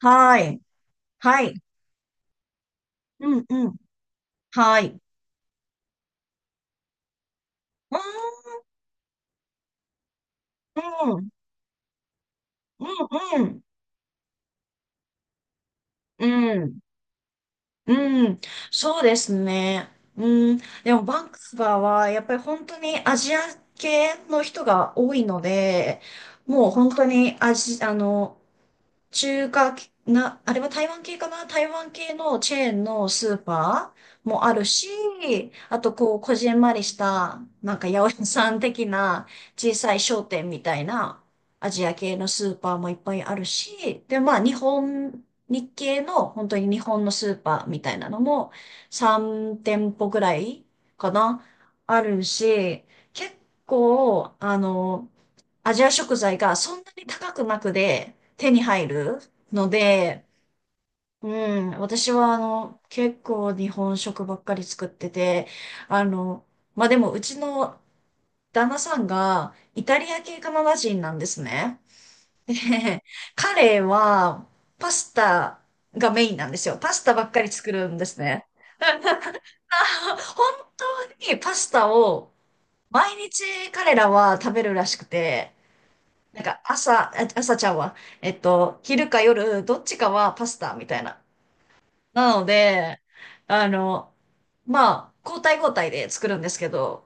はい。はい。うん、うん。はい。うん、うん、うん、うん、うん。そうですね。うん。でも、バンクスバーは、やっぱり本当にアジア系の人が多いので、もう本当に中華系、あれは台湾系かな。台湾系のチェーンのスーパーもあるし、あとこう、こじんまりした、なんか八百屋さん的な小さい商店みたいなアジア系のスーパーもいっぱいあるし、で、日系の本当に日本のスーパーみたいなのも3店舗ぐらいかなあるし、結構、アジア食材がそんなに高くなくで手に入るので、うん、私は結構日本食ばっかり作ってて、あの、まあ、でもうちの旦那さんがイタリア系カナダ人なんですね。で、彼はパスタがメインなんですよ。パスタばっかり作るんですね。本当にパスタを毎日彼らは食べるらしくて、なんか朝ちゃんは、昼か夜、どっちかはパスタみたいな。なので、あの、まあ、交代交代で作るんですけど、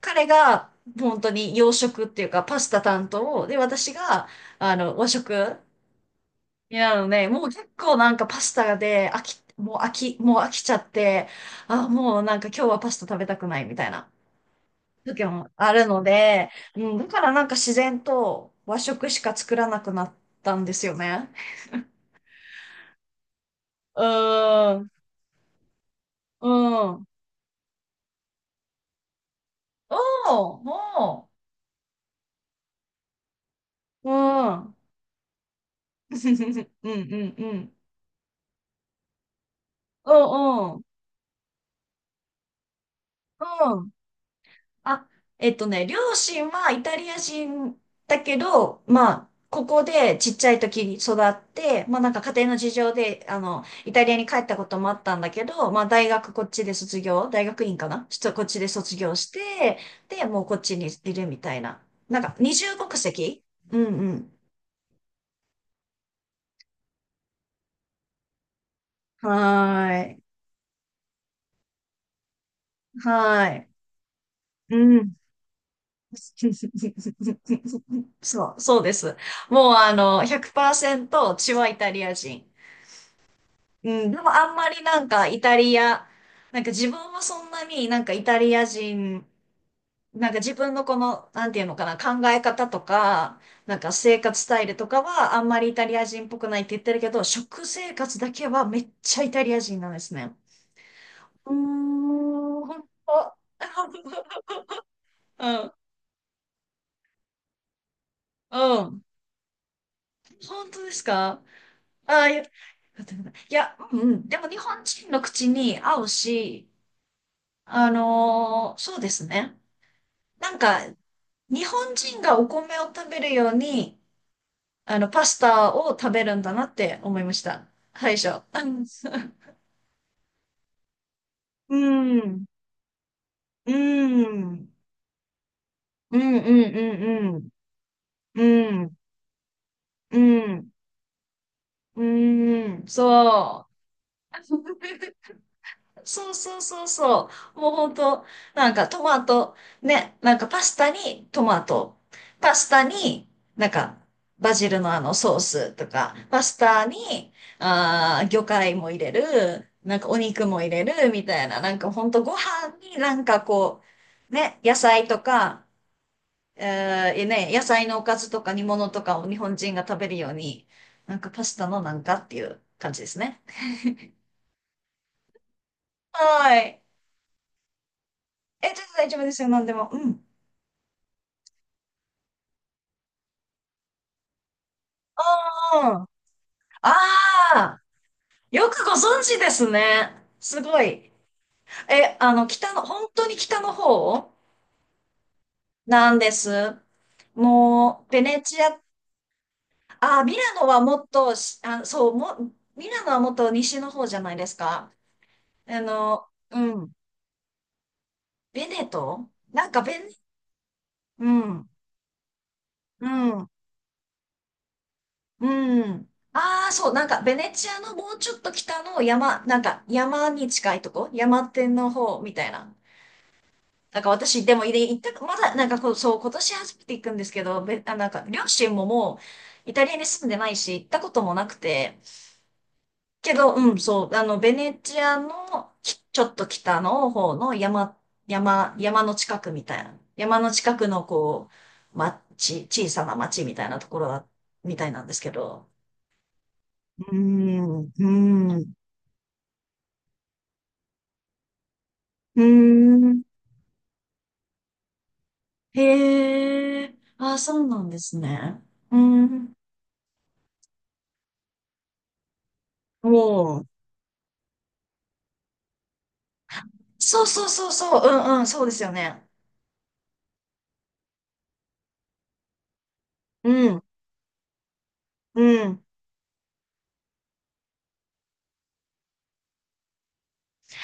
彼が本当に洋食っていうかパスタ担当で、私が、和食になるので、もう結構なんかパスタで飽きちゃって、あ、もうなんか今日はパスタ食べたくないみたいな時もあるので、うん、だからなんか自然と和食しか作らなくなったんですよね。うーん、うん。おう、おう。うん。うんうんうん。うんうん。うん。あ、えっとね、両親はイタリア人だけど、まあ、ここでちっちゃい時に育って、まあなんか家庭の事情で、イタリアに帰ったこともあったんだけど、まあ大学こっちで卒業、大学院かなちょっとこっちで卒業して、で、もうこっちにいるみたいな。なんか二重国籍。うんうん。はーい。はーい。うん。そう、そうです。もうあの、100%血はイタリア人。うん、でもあんまりなんかイタリア、なんか自分はそんなになんかイタリア人、なんか自分のこの、なんていうのかな、考え方とか、なんか生活スタイルとかはあんまりイタリア人っぽくないって言ってるけど、食生活だけはめっちゃイタリア人なんですね。うーん、本当。うん、うん。本当ですか？ああ、いや、いや、うん、うん。でも日本人の口に合うし、あのーそうですね。なんか、日本人がお米を食べるように、パスタを食べるんだなって思いました。最初。うん。うん。うん。うんうんうんうん。うん。うん。うん。そう。そうそうそうそう。もうほんと、なんかトマト、ね、なんかパスタにトマト、パスタになんかバジルのあのソースとか、パスタに、あー、魚介も入れる、なんかお肉も入れるみたいな、なんかほんとご飯になんかこう、ね、野菜とか、えー、ね、野菜のおかずとか煮物とかを日本人が食べるように、なんかパスタのなんかっていう感じですね。はい。え、全然大丈夫ですよ、なんでも。うん。うんうん。ああ、よくご存知ですね。すごい。え、あの、北の、本当に北の方なんです。もう、ベネチア、あー、ミラノはもっと西の方じゃないですか。あの、うん。ベネトなんかベネ、うん、うん、うん。ああ、そう、なんかベネチアのもうちょっと北の山、なんか山に近いとこ、山手の方みたいな。なんか私、でも、行った、まだ、なんかこう、そう、今年初めて行くんですけど、なんか、両親ももうイタリアに住んでないし、行ったこともなくて、けど、うん、そう、あの、ベネチアの、ちょっと北の方の山、山の近くみたいな、山の近くの、こう、町、小さな町みたいなところだみたいなんですけど、うーん、うーん、うーん、へえ、あ、そうなんですね。うーん、おー。そうそうそうそう、うんうん、そうですよね。うん、うん。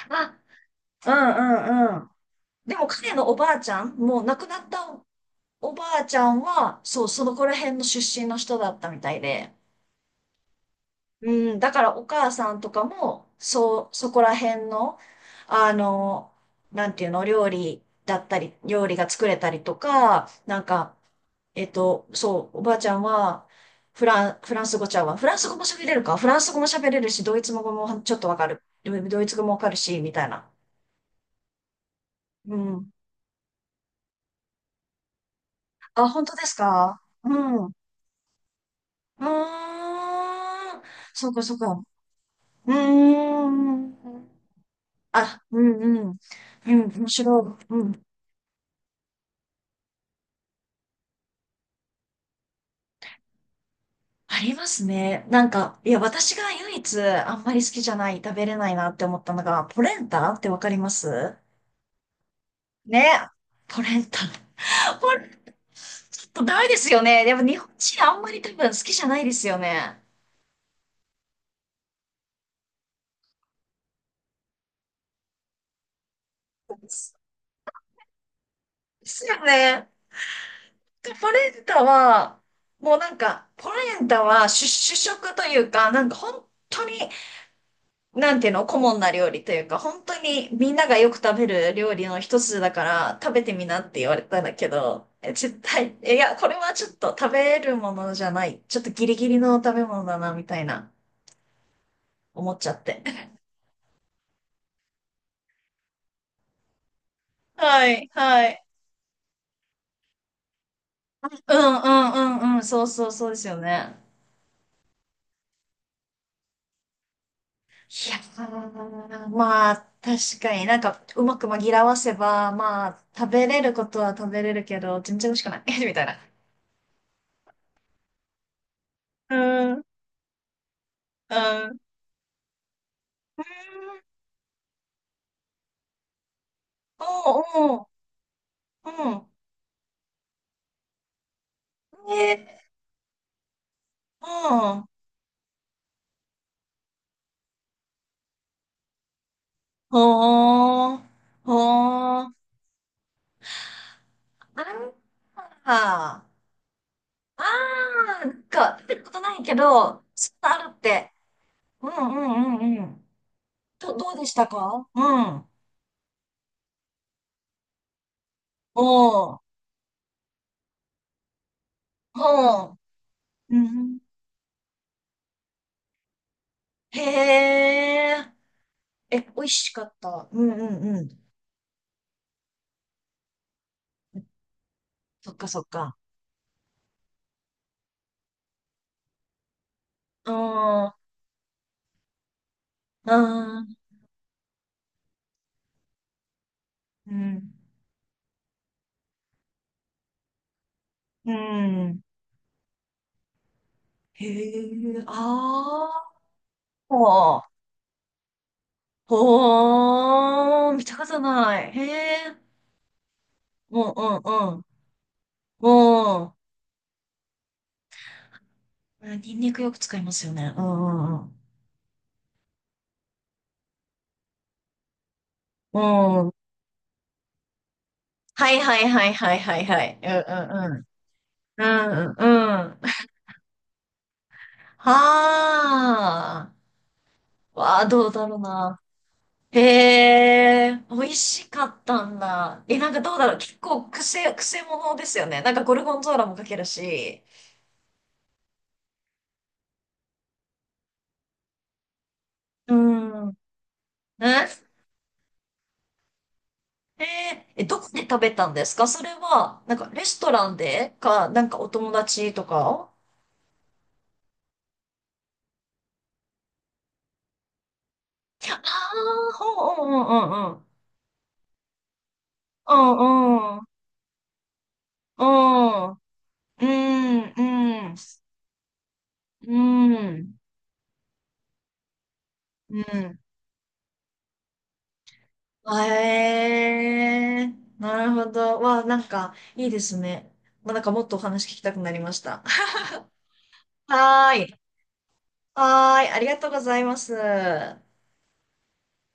あ、うんうんうん。でも彼のおばあちゃん、もう亡くなったおばあちゃんは、そう、そのこら辺の出身の人だったみたいで。うん、だからお母さんとかも、そう、そこら辺の、あの、なんていうの、料理だったり、料理が作れたりとか、なんか、そう、おばあちゃんは、フランス語ちゃうわ。フランス語も喋れるか。フランス語も喋れるし、ドイツ語もちょっとわかる。ドイツ語もわかるし、みたいな。うん。あ、本当ですか？うん。うーん。そうか、そうか。うーん。あ、うんうん。うん、面白い。うん。ありますね。なんか、いや、私が唯一あんまり好きじゃない、食べれないなって思ったのが、ポレンタってわかります？ね。ポレンタ。ちょっとダメですよね。でも日本人あんまり多分好きじゃないですよね。ですよね。でポレンタは、もうなんか、ポレンタは主、主食というか、なんか本当に、なんていうの、顧問な料理というか、本当にみんながよく食べる料理の一つだから、食べてみなって言われたんだけど、え絶対、えいや、これはちょっと食べるものじゃない。ちょっとギリギリの食べ物だな、みたいな、思っちゃって。はい、はい。うんうんうんうん、そうそうそうですよね。いやー、まあ、確かになんか、うまく紛らわせば、まあ、食べれることは食べれるけど、全然美味しくない。みたいな。うん、うん。うんおうおう、うん。え、うん。ほー、ほー。あー、あー、なんか、食べたことないけど、そんなあるって。うんうんうんうん。どうでしたか？うん。おー。はあ。うん。へえ。え、美味しかった？うんうんうん。そっかそっか。ああ、ああ、うん。うん。へえ、ああ、ほう、ほう、見たことない。へえ、うんうんうん、うん。うん。ニンニクよく使いますよね。うんうんうん。うん。はいはいはいはいはいはい。うんうんうん。うんうんうん。はあ。わあ、どうだろうな。へえ、美味しかったんだ。え、なんかどうだろう。結構癖者ですよね。なんかゴルゴンゾーラもかけるし。うん。え、へーえ、どこで食べたんですか？それは、なんかレストランでか、なんかお友達とか。ああほう、うんうんうんうん。うんうん。うんうん。うん。うん。うん。あえー、なるほど。わあ、なんか、いいですね。まあ、なんかもっとお話聞きたくなりました。はーい。はーい。ありがとうございます。